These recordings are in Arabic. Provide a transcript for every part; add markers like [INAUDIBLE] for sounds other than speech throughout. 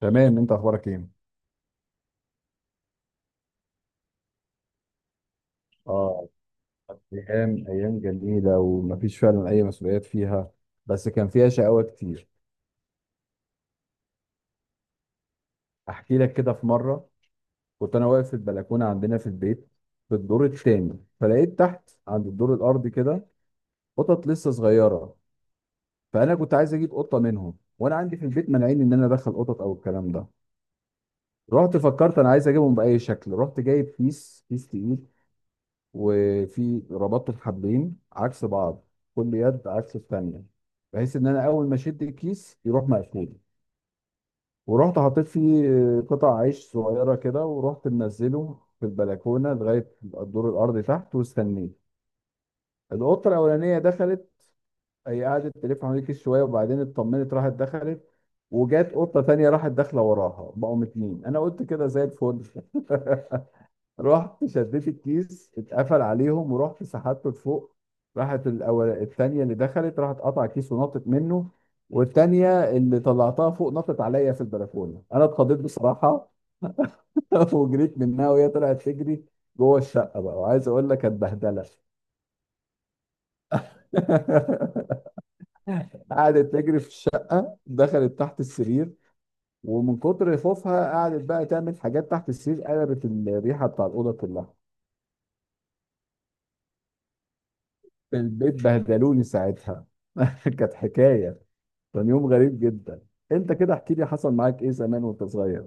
تمام. انت اخبارك ايه؟ اه. ايام ايام جميله ومفيش فعلا اي مسؤوليات فيها، بس كان فيها شقاوه كتير. احكي لك كده في مره. كنت انا واقف في البلكونه عندنا في البيت في الدور الثاني، فلقيت تحت عند الدور الارضي كده قطط لسه صغيره. فانا كنت عايز اجيب قطه منهم، وانا عندي في البيت مانعين ان انا ادخل قطط او الكلام ده. رحت فكرت انا عايز اجيبهم باي شكل، رحت جايب كيس كيس تقيل، وفي ربطت الحبلين عكس بعض، كل يد عكس الثانيه، بحيث ان انا اول ما اشد الكيس يروح مقفول. ورحت حطيت فيه قطع عيش صغيره كده ورحت منزله في البلكونه لغايه الدور الارضي تحت واستنيت. القطه الاولانيه دخلت، هي قعدت تلف حوالين الكيس شويه، وبعدين اطمنت راحت دخلت. وجات قطه تانية راحت داخله وراها، بقوا 2. انا قلت كده زي الفل. [LAUGHS] رحت شديت الكيس اتقفل عليهم، ورحت سحبته لفوق. راحت الأول التانية اللي دخلت راحت قطع الكيس ونطت منه. والتانية اللي طلعتها فوق نطت عليا في البلكونة. أنا اتخضيت بصراحة. [LAUGHS] وجريت منها، وهي طلعت تجري جوه الشقة. بقى وعايز أقول لك كانت بهدلة. [LAUGHS] قعدت تجري في الشقة، دخلت تحت السرير، ومن كتر خوفها قعدت بقى تعمل حاجات تحت السرير، قلبت الريحة بتاع الأوضة كلها. في البيت بهدلوني ساعتها. [LAUGHS] كانت حكايه، كان يوم غريب جدا. انت كده احكي لي حصل معاك ايه زمان وانت صغير.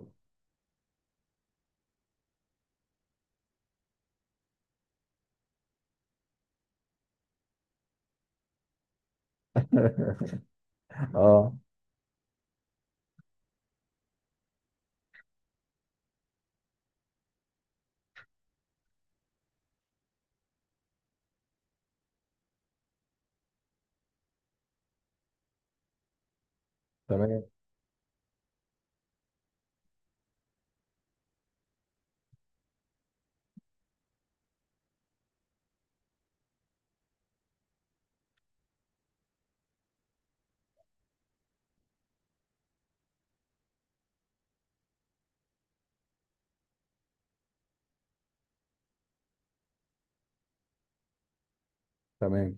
[LAUGHS] اه. تمام تمام.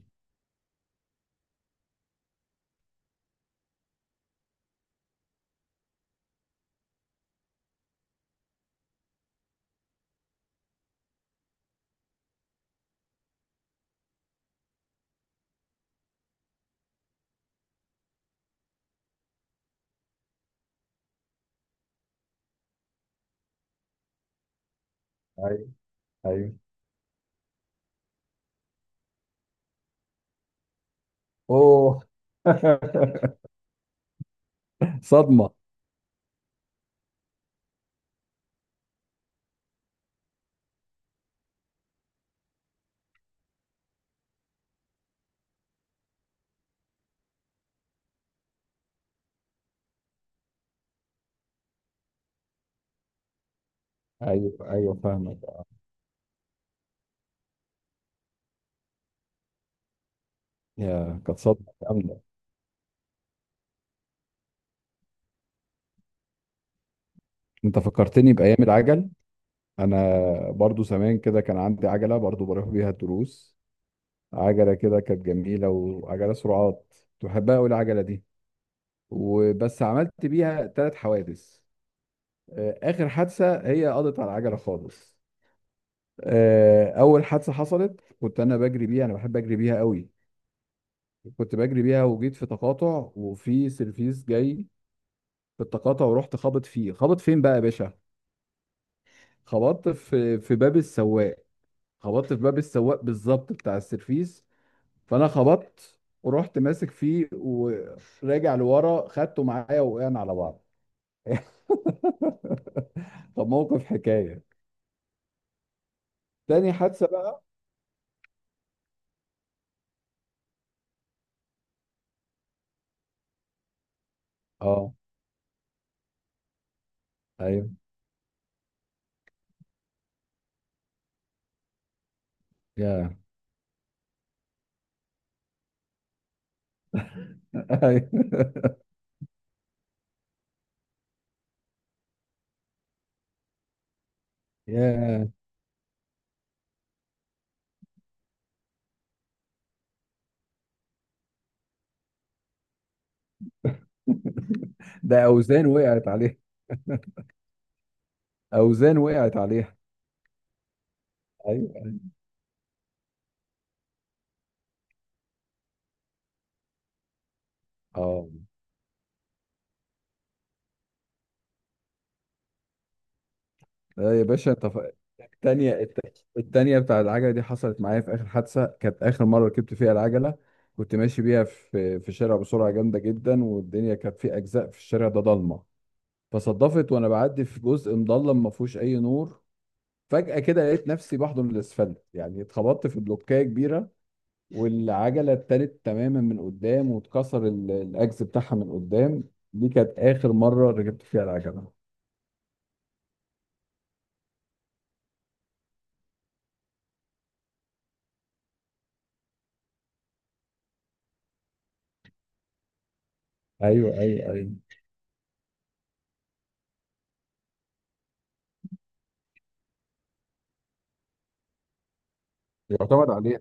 ايوه ايوه. اوه. [LAUGHS] صدمه. ايوه ايوه فاهمك. يا كانت صدمه جامده. انت فكرتني بايام العجل. انا برضو زمان كده كان عندي عجله، برضو بروح بيها الدروس. عجله كده كانت جميله، وعجله سرعات. كنت بحبها قوي العجله دي. وبس عملت بيها 3 حوادث. اخر حادثه هي قضت على العجله خالص. اول حادثه حصلت كنت انا بجري بيها، انا بحب اجري بيها قوي. كنت بجري بيها وجيت في تقاطع، وفي سيرفيس جاي في التقاطع. ورحت خابط فيه، خابط فين بقى يا باشا؟ خبطت في باب السواق. خبطت في باب السواق بالظبط بتاع السيرفيس. فانا خبطت ورحت ماسك فيه، وراجع لورا، خدته معايا وقعنا على بعض. [LAUGHS] طب موقف حكايه. تاني حادثه بقى. اه. ايوه. يا. [LAUGHS] يا ده اوزان وقعت عليها. اوزان وقعت عليها. ايوه. اه. لا يا باشا التانية بتاع العجلة دي حصلت معايا في آخر حادثة، كانت آخر مرة ركبت فيها العجلة. كنت ماشي بيها في شارع بسرعة جامدة جدا، والدنيا كانت في أجزاء، في الشارع ده ضلمة. فصدفت وأنا بعدي في جزء مضلم ما فيهوش أي نور، فجأة كده لقيت نفسي بحضن الأسفلت. يعني اتخبطت في بلوكاية كبيرة، والعجله اتالت تماما من قدام، واتكسر الاجز بتاعها من قدام. دي كانت اخر مره ركبت فيها العجله. ايوه ايوه ايوه، يعتمد عليها.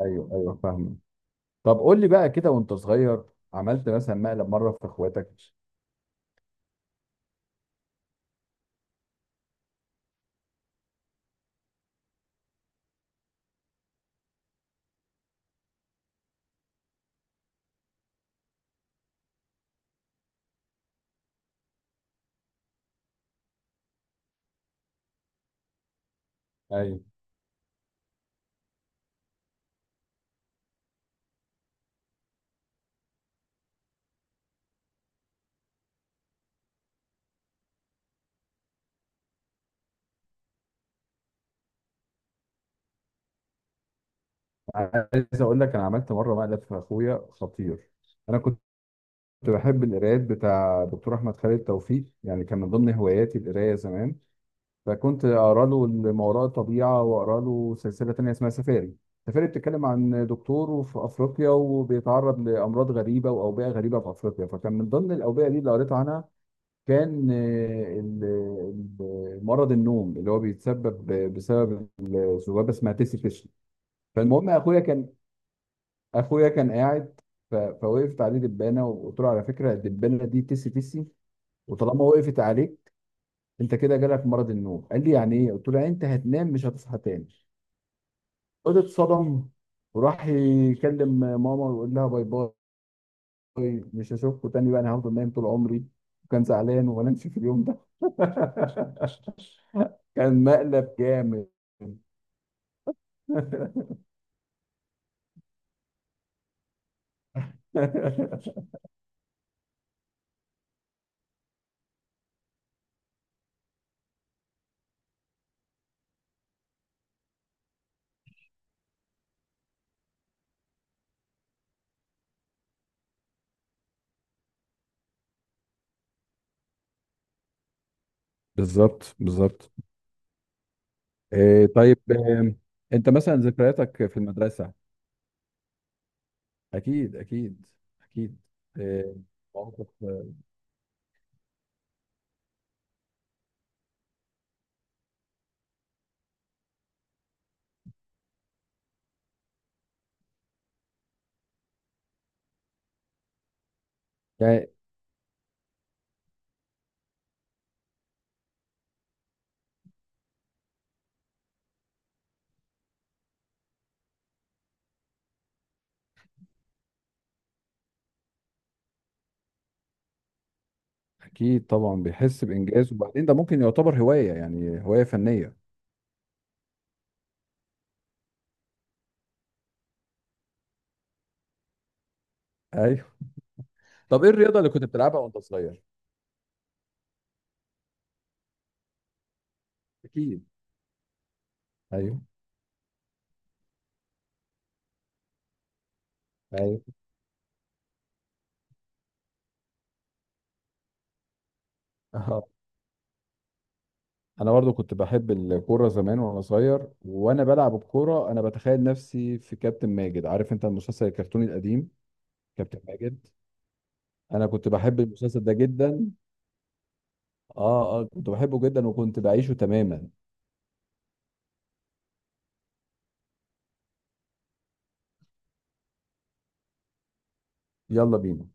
ايوه ايوه فاهمه. طب قول لي بقى كده، وانت صغير عملت مثلا مقلب مره في اخواتك؟ ايوه، عايز اقول لك انا عملت مره مقلب في اخويا خطير. انا كنت بحب القرايات بتاع دكتور احمد خالد توفيق، يعني كان من ضمن هواياتي القرايه زمان. فكنت اقرا له ما وراء الطبيعه، واقرا له سلسله تانية اسمها سفاري. سفاري بتتكلم عن دكتور في افريقيا، وبيتعرض لامراض غريبه واوبئه غريبه في افريقيا. فكان من ضمن الاوبئه دي اللي قريت عنها كان مرض النوم اللي هو بيتسبب بسبب ذبابه اسمها تيسي فيش. فالمهم اخويا كان قاعد، فوقفت عليه دبانه، وقلت له على فكره الدبانه دي تيسي تيسي، وطالما وقفت عليك انت كده جالك مرض النوم. قال لي يعني ايه؟ قلت له يعني انت هتنام مش هتصحى تاني. قلت اتصدم، وراح يكلم ماما ويقول لها باي باي، مش هشوفكوا تاني بقى، انا هفضل نايم طول عمري. وكان زعلان وما نامش في اليوم ده. [LAUGHS] كان مقلب جامد. [LAUGHS] بالظبط بالظبط. إيه طيب إيه؟ انت مثلا ذكرياتك في المدرسة، اكيد اكيد اكيد. إيه، مواقف، يعني. اكيد طبعا بيحس بانجاز، وبعدين ده ممكن يعتبر هوايه، يعني هوايه فنيه. ايوه. طب ايه الرياضه اللي كنت بتلعبها وانت صغير؟ اكيد. ايوه ايوه. اه، انا برضو كنت بحب الكوره زمان وانا صغير، وانا بلعب الكوره انا بتخيل نفسي في كابتن ماجد. عارف انت المسلسل الكرتوني القديم؟ كابتن ماجد، انا كنت بحب المسلسل ده جدا. اه اه، كنت بحبه جدا وكنت بعيشه تماما. يلا بينا.